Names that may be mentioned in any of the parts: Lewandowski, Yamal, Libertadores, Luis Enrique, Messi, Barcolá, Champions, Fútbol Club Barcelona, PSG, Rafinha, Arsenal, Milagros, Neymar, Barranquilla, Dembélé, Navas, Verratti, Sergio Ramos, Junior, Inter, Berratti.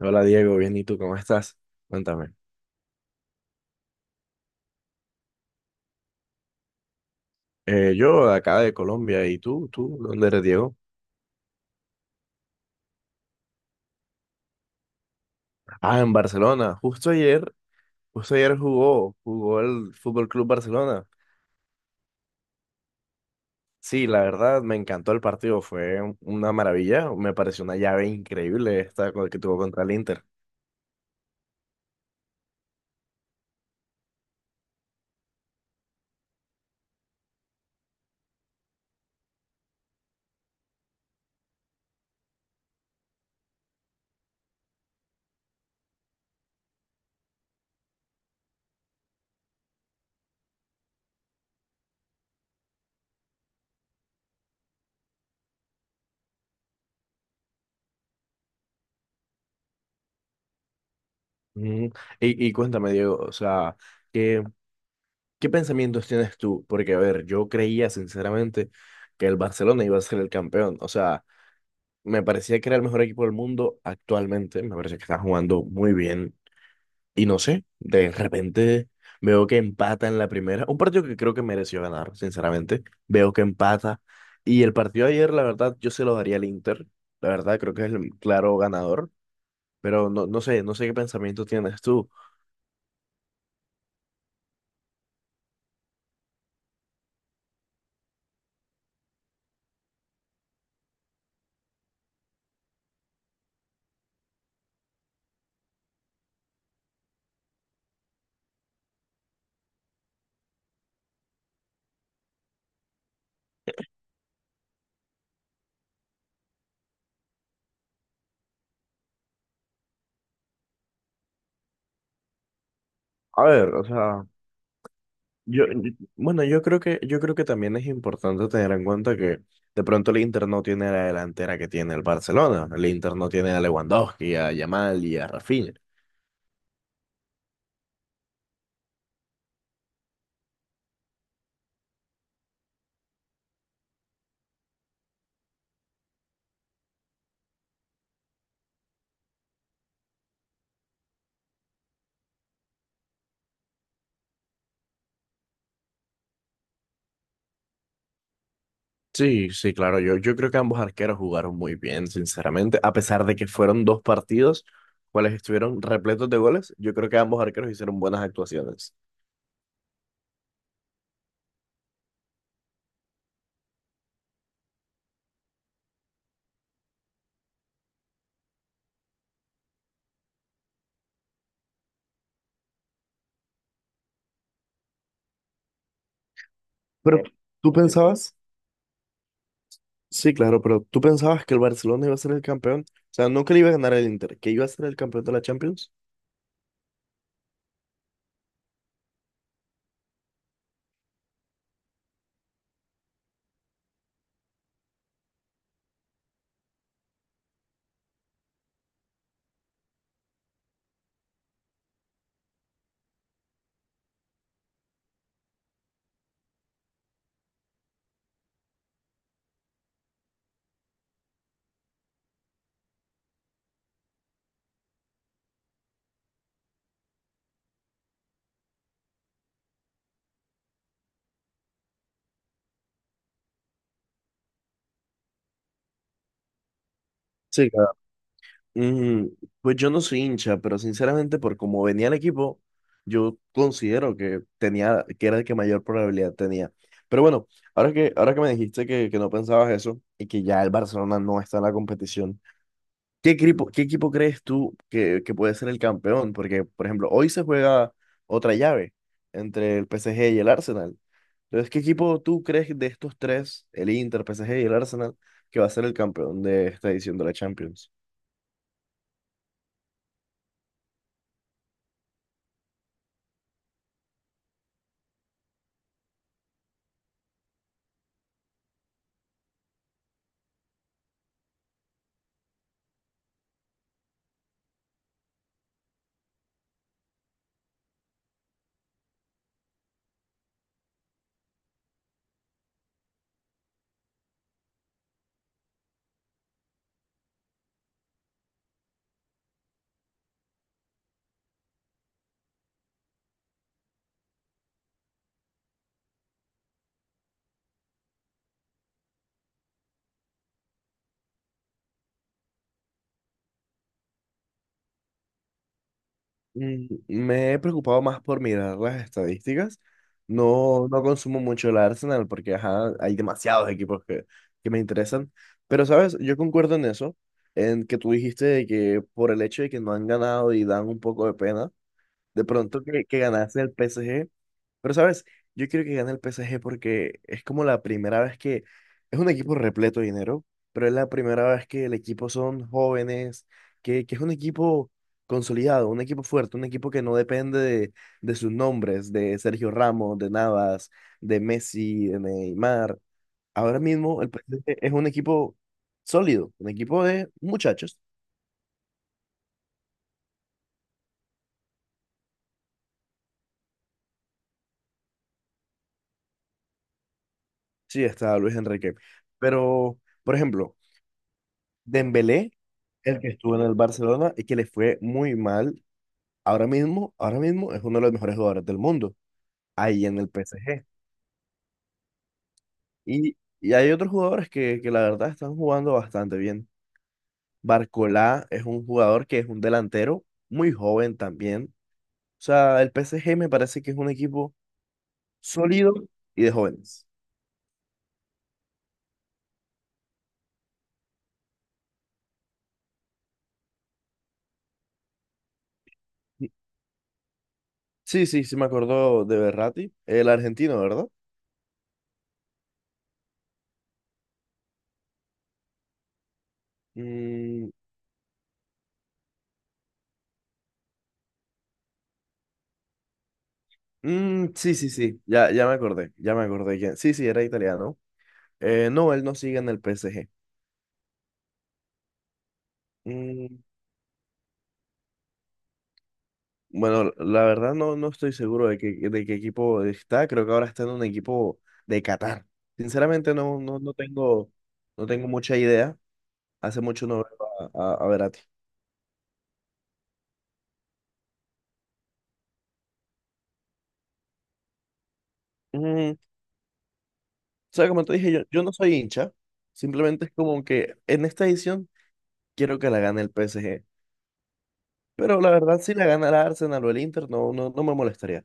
Hola Diego, bien, ¿y tú cómo estás? Cuéntame. Yo de acá de Colombia, ¿y tú? ¿Tú dónde eres, Diego? Ah, en Barcelona. Justo ayer jugó el Fútbol Club Barcelona. Sí, la verdad me encantó el partido, fue una maravilla, me pareció una llave increíble esta que tuvo contra el Inter. Ujú. Y cuéntame, Diego, o sea, ¿qué, qué pensamientos tienes tú? Porque, a ver, yo creía sinceramente que el Barcelona iba a ser el campeón, o sea. Me parecía que era el mejor equipo del mundo actualmente. Me parece que está jugando muy bien. Y no sé, de repente veo que empata en la primera. Un partido que creo que mereció ganar, sinceramente. Veo que empata. Y el partido de ayer, la verdad, yo se lo daría al Inter. La verdad, creo que es el claro ganador. Pero no, no sé qué pensamiento tienes tú. A ver, o sea. Yo, yo- bueno, yo creo que también es importante tener en cuenta que de pronto el Inter no tiene la delantera que tiene el Barcelona. El Inter no tiene a Lewandowski, a Yamal y a Rafinha. Sí, sí, claro. Yo creo que ambos arqueros jugaron muy bien, sinceramente. A pesar de que fueron dos partidos, cuales estuvieron repletos de goles, yo creo que ambos arqueros hicieron buenas actuaciones. Pero tú pensabas, sí, claro, pero tú pensabas que el Barcelona iba a ser el campeón, o sea, no que le iba a ganar el Inter, que iba a ser el campeón de la Champions. Sí, claro. Mm, pues yo no soy hincha, pero sinceramente por cómo venía el equipo, yo considero que tenía, que era el que mayor probabilidad tenía. Pero bueno, ahora que me dijiste que no pensabas eso y que ya el Barcelona no está en la competición, ¿qué equipo crees tú que puede ser el campeón? Porque, por ejemplo, hoy se juega otra llave entre el PSG y el Arsenal. Entonces, ¿qué equipo tú crees de estos tres, el Inter, PSG y el Arsenal, que va a ser el campeón de esta edición de la Champions? Me he preocupado más por mirar las estadísticas. No, no consumo mucho el Arsenal porque ajá, hay demasiados equipos que me interesan. Pero, ¿sabes? Yo concuerdo en eso, en que tú dijiste de que por el hecho de que no han ganado y dan un poco de pena, de pronto que ganase el PSG. Pero, ¿sabes? Yo quiero que gane el PSG porque es como la primera vez que es un equipo repleto de dinero, pero es la primera vez que el equipo son jóvenes, que es un equipo consolidado, un equipo fuerte, un equipo que no depende de sus nombres, de Sergio Ramos, de Navas, de Messi, de Neymar. Ahora mismo el PSG es un equipo sólido, un equipo de muchachos. Sí, está Luis Enrique. Pero, por ejemplo, Dembélé, el que estuvo en el Barcelona y que le fue muy mal. Ahora mismo es uno de los mejores jugadores del mundo, ahí en el PSG. Y hay otros jugadores que la verdad están jugando bastante bien. Barcolá es un jugador que es un delantero muy joven también. O sea, el PSG me parece que es un equipo sólido y de jóvenes. Sí, sí, sí, sí me acordó de Berratti, el argentino, ¿verdad? Mm, mm, sí, sí, sí, ya, ya me acordé, ya me acordé. Sí, sí, era italiano. No, él no sigue en el PSG. Mm, bueno, la verdad no, no estoy seguro de qué, equipo está. Creo que ahora está en un equipo de Qatar. Sinceramente no tengo mucha idea. Hace mucho no veo a, a Verratti. O sea, como te dije, yo no soy hincha. Simplemente es como que en esta edición quiero que la gane el PSG. Pero la verdad, si la gana el Arsenal o el Inter, no, no, no me molestaría.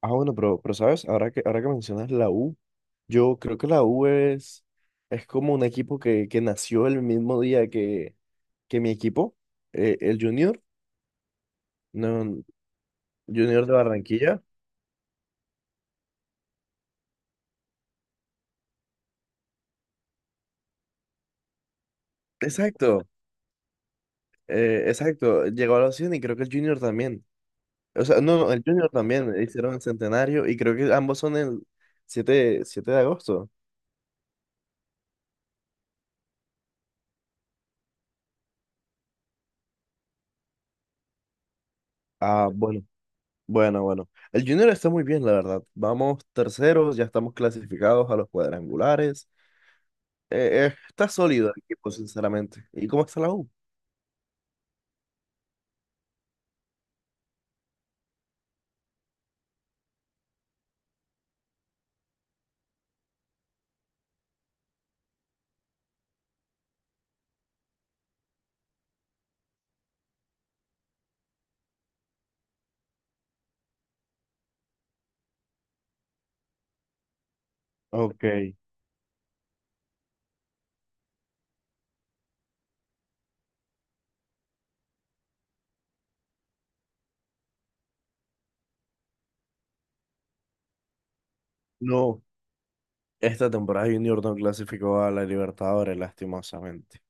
Ah, bueno, pero sabes, ahora que mencionas la U, yo creo que la U es como un equipo que nació el mismo día que mi equipo, el Junior, no, Junior de Barranquilla. Exacto, exacto, llegó a los 100 y creo que el Junior también. O sea, no, no, el Junior también, hicieron el centenario y creo que ambos son el siete de agosto. Ah, bueno, bueno, bueno. El Junior está muy bien, la verdad. Vamos terceros, ya estamos clasificados a los cuadrangulares. Está sólido el equipo, sinceramente. ¿Y cómo está la U? Ok. No, esta temporada Junior no clasificó a la Libertadores, lastimosamente.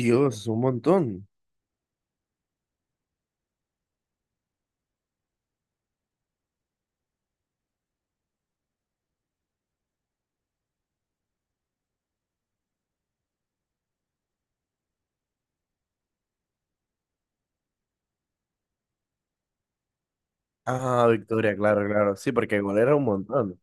Dios, un montón. Ah, Victoria, claro, claro. Sí, porque igual era un montón.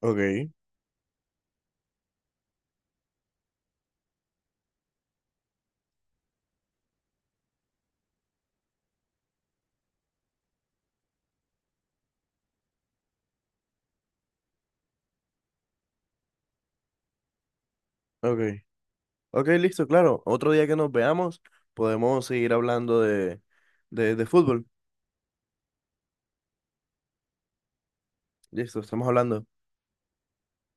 Ok, ok. Ok, listo, claro. Otro día que nos veamos, podemos seguir hablando de, de fútbol. Listo, estamos hablando.